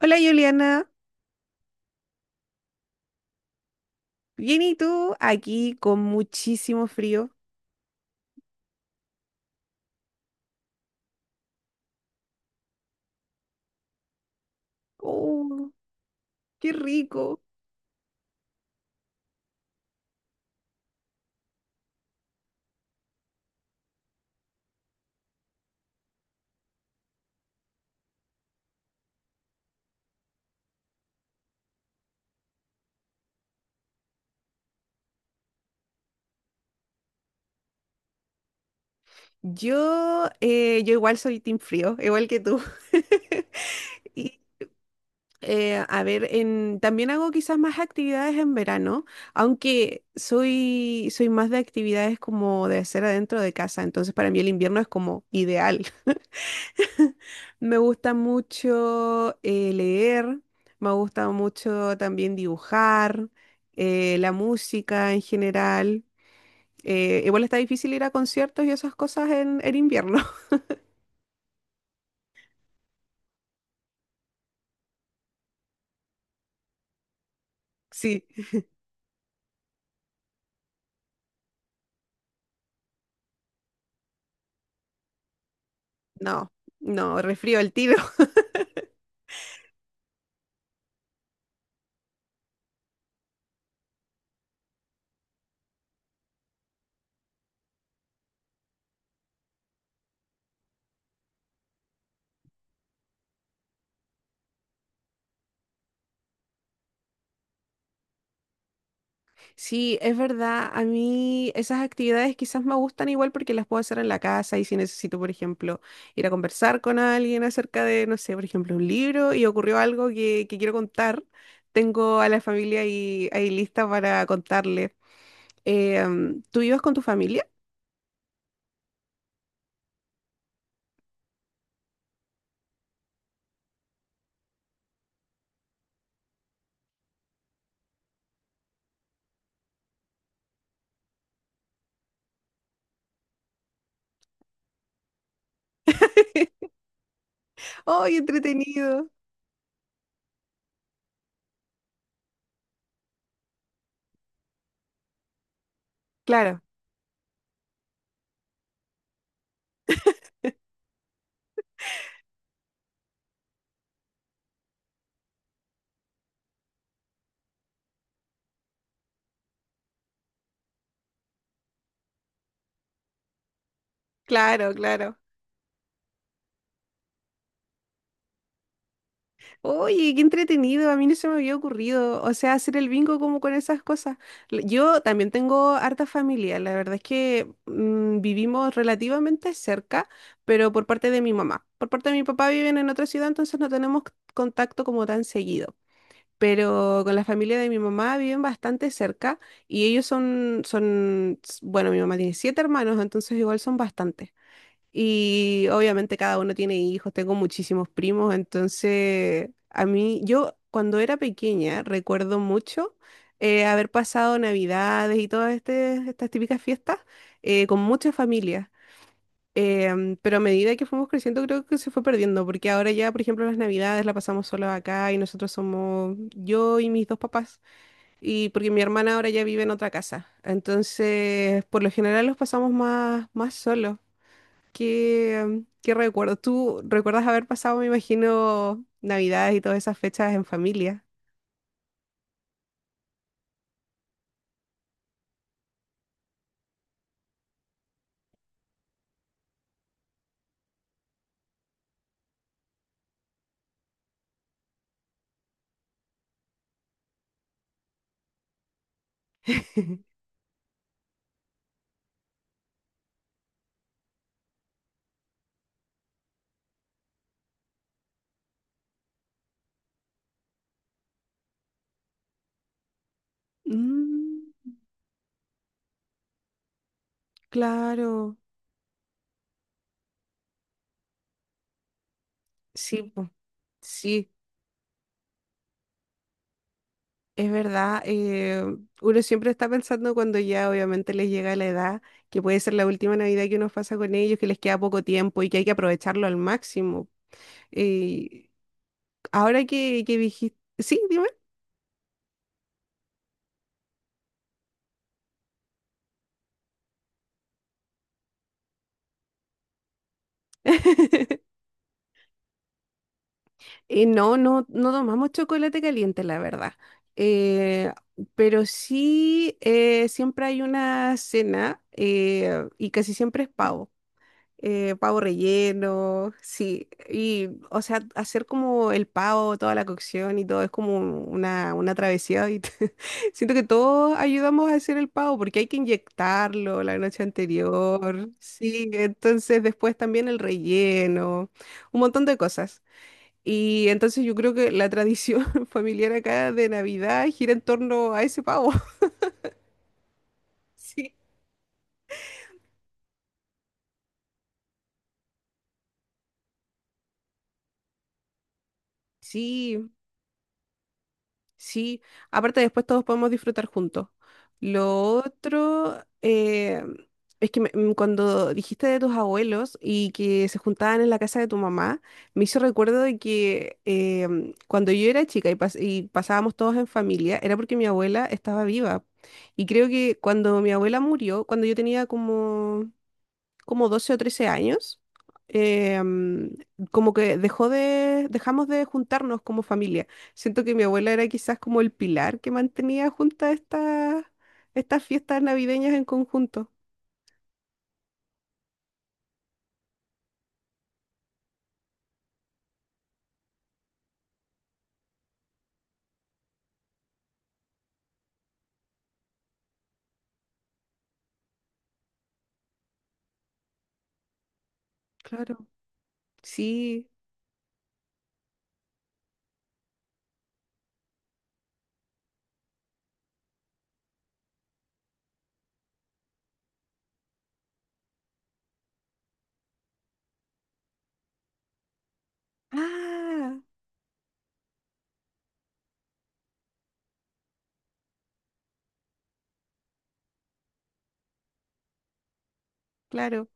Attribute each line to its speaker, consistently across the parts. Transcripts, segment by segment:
Speaker 1: Hola Juliana, bien y tú aquí con muchísimo frío. Oh, qué rico. Yo igual soy team frío, igual que tú. Y también hago quizás más actividades en verano, aunque soy más de actividades como de hacer adentro de casa, entonces para mí el invierno es como ideal. Me gusta mucho leer, me gusta mucho también dibujar, la música en general. Igual está difícil ir a conciertos y esas cosas en invierno. Sí, no, no, resfrío el tiro. Sí, es verdad. A mí esas actividades quizás me gustan igual porque las puedo hacer en la casa y si necesito, por ejemplo, ir a conversar con alguien acerca de, no sé, por ejemplo, un libro y ocurrió algo que quiero contar, tengo a la familia ahí, ahí lista para contarle. Eh, ¿Tú ibas con tu familia? ¡Ay, entretenido! Claro, claro. Oye, qué entretenido, a mí no se me había ocurrido, o sea, hacer el bingo como con esas cosas. Yo también tengo harta familia, la verdad es que mm, vivimos relativamente cerca, pero por parte de mi mamá. Por parte de mi papá viven en otra ciudad, entonces no tenemos contacto como tan seguido. Pero con la familia de mi mamá viven bastante cerca y ellos bueno, mi mamá tiene siete hermanos, entonces igual son bastantes. Y obviamente cada uno tiene hijos, tengo muchísimos primos, entonces a mí, yo cuando era pequeña recuerdo mucho haber pasado Navidades y todas estas típicas fiestas con muchas familias. Pero a medida que fuimos creciendo creo que se fue perdiendo, porque ahora ya, por ejemplo, las Navidades la pasamos solos acá y nosotros somos yo y mis dos papás, y porque mi hermana ahora ya vive en otra casa. Entonces, por lo general los pasamos más solos. Qué recuerdo? ¿Tú recuerdas haber pasado, me imagino, Navidades y todas esas fechas en familia? Mm, claro, sí, po, sí, es verdad. Uno siempre está pensando cuando ya obviamente les llega la edad, que puede ser la última Navidad que uno pasa con ellos, que les queda poco tiempo y que hay que aprovecharlo al máximo. Eh, Ahora que dijiste... Sí, dime. No tomamos chocolate caliente, la verdad. Eh, pero sí, siempre hay una cena y casi siempre es pavo. Pavo relleno, sí. Y, o sea, hacer como el pavo, toda la cocción y todo es como una travesía. Y siento que todos ayudamos a hacer el pavo porque hay que inyectarlo la noche anterior. Sí, entonces después también el relleno, un montón de cosas. Y entonces yo creo que la tradición familiar acá de Navidad gira en torno a ese pavo. Sí. Sí, sí. Aparte después todos podemos disfrutar juntos. Lo otro es que mm, cuando dijiste de tus abuelos y que se juntaban en la casa de tu mamá, me hizo recuerdo de que mm, cuando yo era chica y pasábamos todos en familia, era porque mi abuela estaba viva. Y creo que cuando mi abuela murió, cuando yo tenía como 12 o 13 años, eh, mm, como que dejamos de juntarnos como familia. Siento que mi abuela era quizás como el pilar que mantenía juntas estas fiestas navideñas en conjunto. Claro, sí. Ah, claro.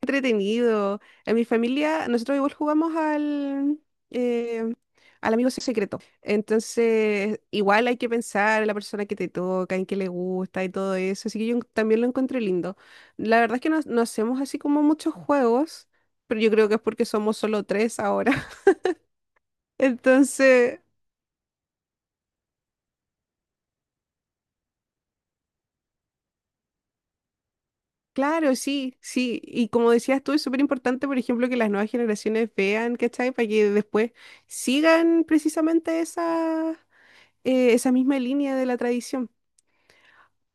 Speaker 1: Entretenido. En mi familia, nosotros igual jugamos eh, al amigo secreto. Entonces, igual hay que pensar en la persona que te toca, en qué le gusta y todo eso. Así que yo también lo encontré lindo. La verdad es que no, no hacemos así como muchos juegos, pero yo creo que es porque somos solo tres ahora. Entonces... Claro, sí, sí. Y como decías tú, es súper importante, por ejemplo, que las nuevas generaciones vean, ¿cachai? Para que después sigan precisamente esa misma línea de la tradición.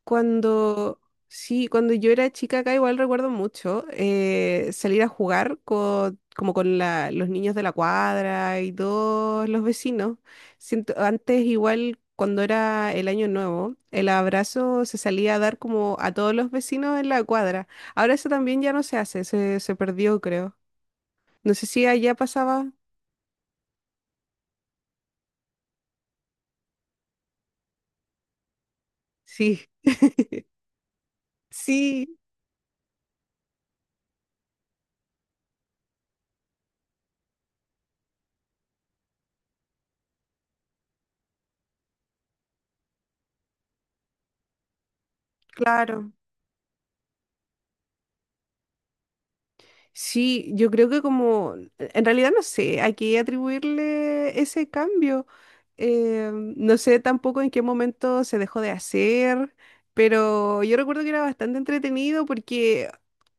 Speaker 1: Cuando, sí, cuando yo era chica acá igual recuerdo mucho salir a jugar como con los niños de la cuadra y todos los vecinos. Siento, antes igual cuando era el año nuevo, el abrazo se salía a dar como a todos los vecinos en la cuadra. Ahora eso también ya no se hace, se perdió creo. No sé si allá pasaba. Sí, sí, claro. Sí, yo creo que como, en realidad no sé a qué atribuirle ese cambio. No sé tampoco en qué momento se dejó de hacer, pero yo recuerdo que era bastante entretenido porque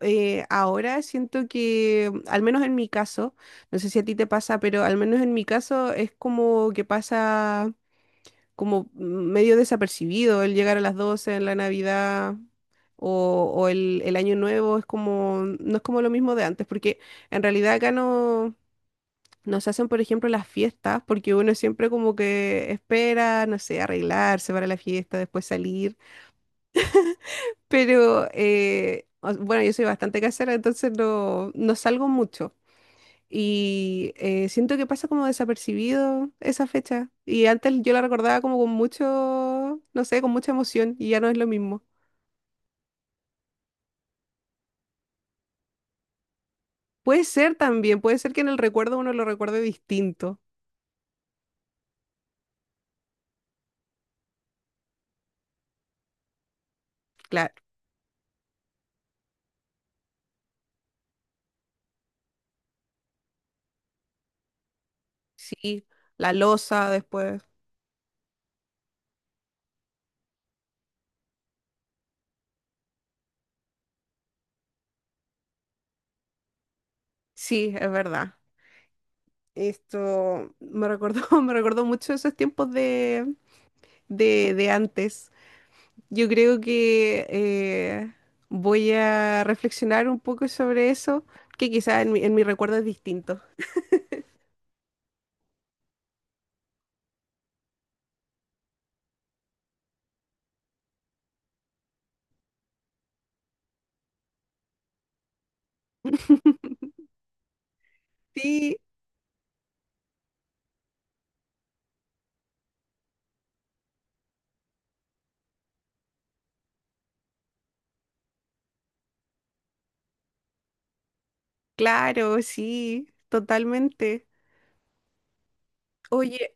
Speaker 1: ahora siento que, al menos en mi caso, no sé si a ti te pasa, pero al menos en mi caso es como que pasa como medio desapercibido el llegar a las 12 en la Navidad o, el Año Nuevo, es como, no es como lo mismo de antes, porque en realidad acá no nos hacen, por ejemplo, las fiestas, porque uno siempre como que espera, no sé, arreglarse para la fiesta, después salir, pero bueno, yo soy bastante casera, entonces no, no salgo mucho. Y siento que pasa como desapercibido esa fecha. Y antes yo la recordaba como con mucho, no sé, con mucha emoción y ya no es lo mismo. Puede ser también, puede ser que en el recuerdo uno lo recuerde distinto. Claro, sí, la losa después. Sí, es verdad. Esto me recordó, me recordó mucho esos tiempos de antes. Yo creo que voy a reflexionar un poco sobre eso, que quizás en mi recuerdo es distinto. Sí, claro, sí, totalmente. Oye,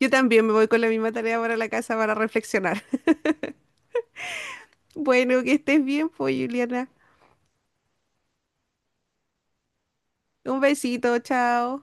Speaker 1: yo también me voy con la misma tarea para la casa para reflexionar. Bueno, que estés bien, pues, Juliana. Un besito, chao.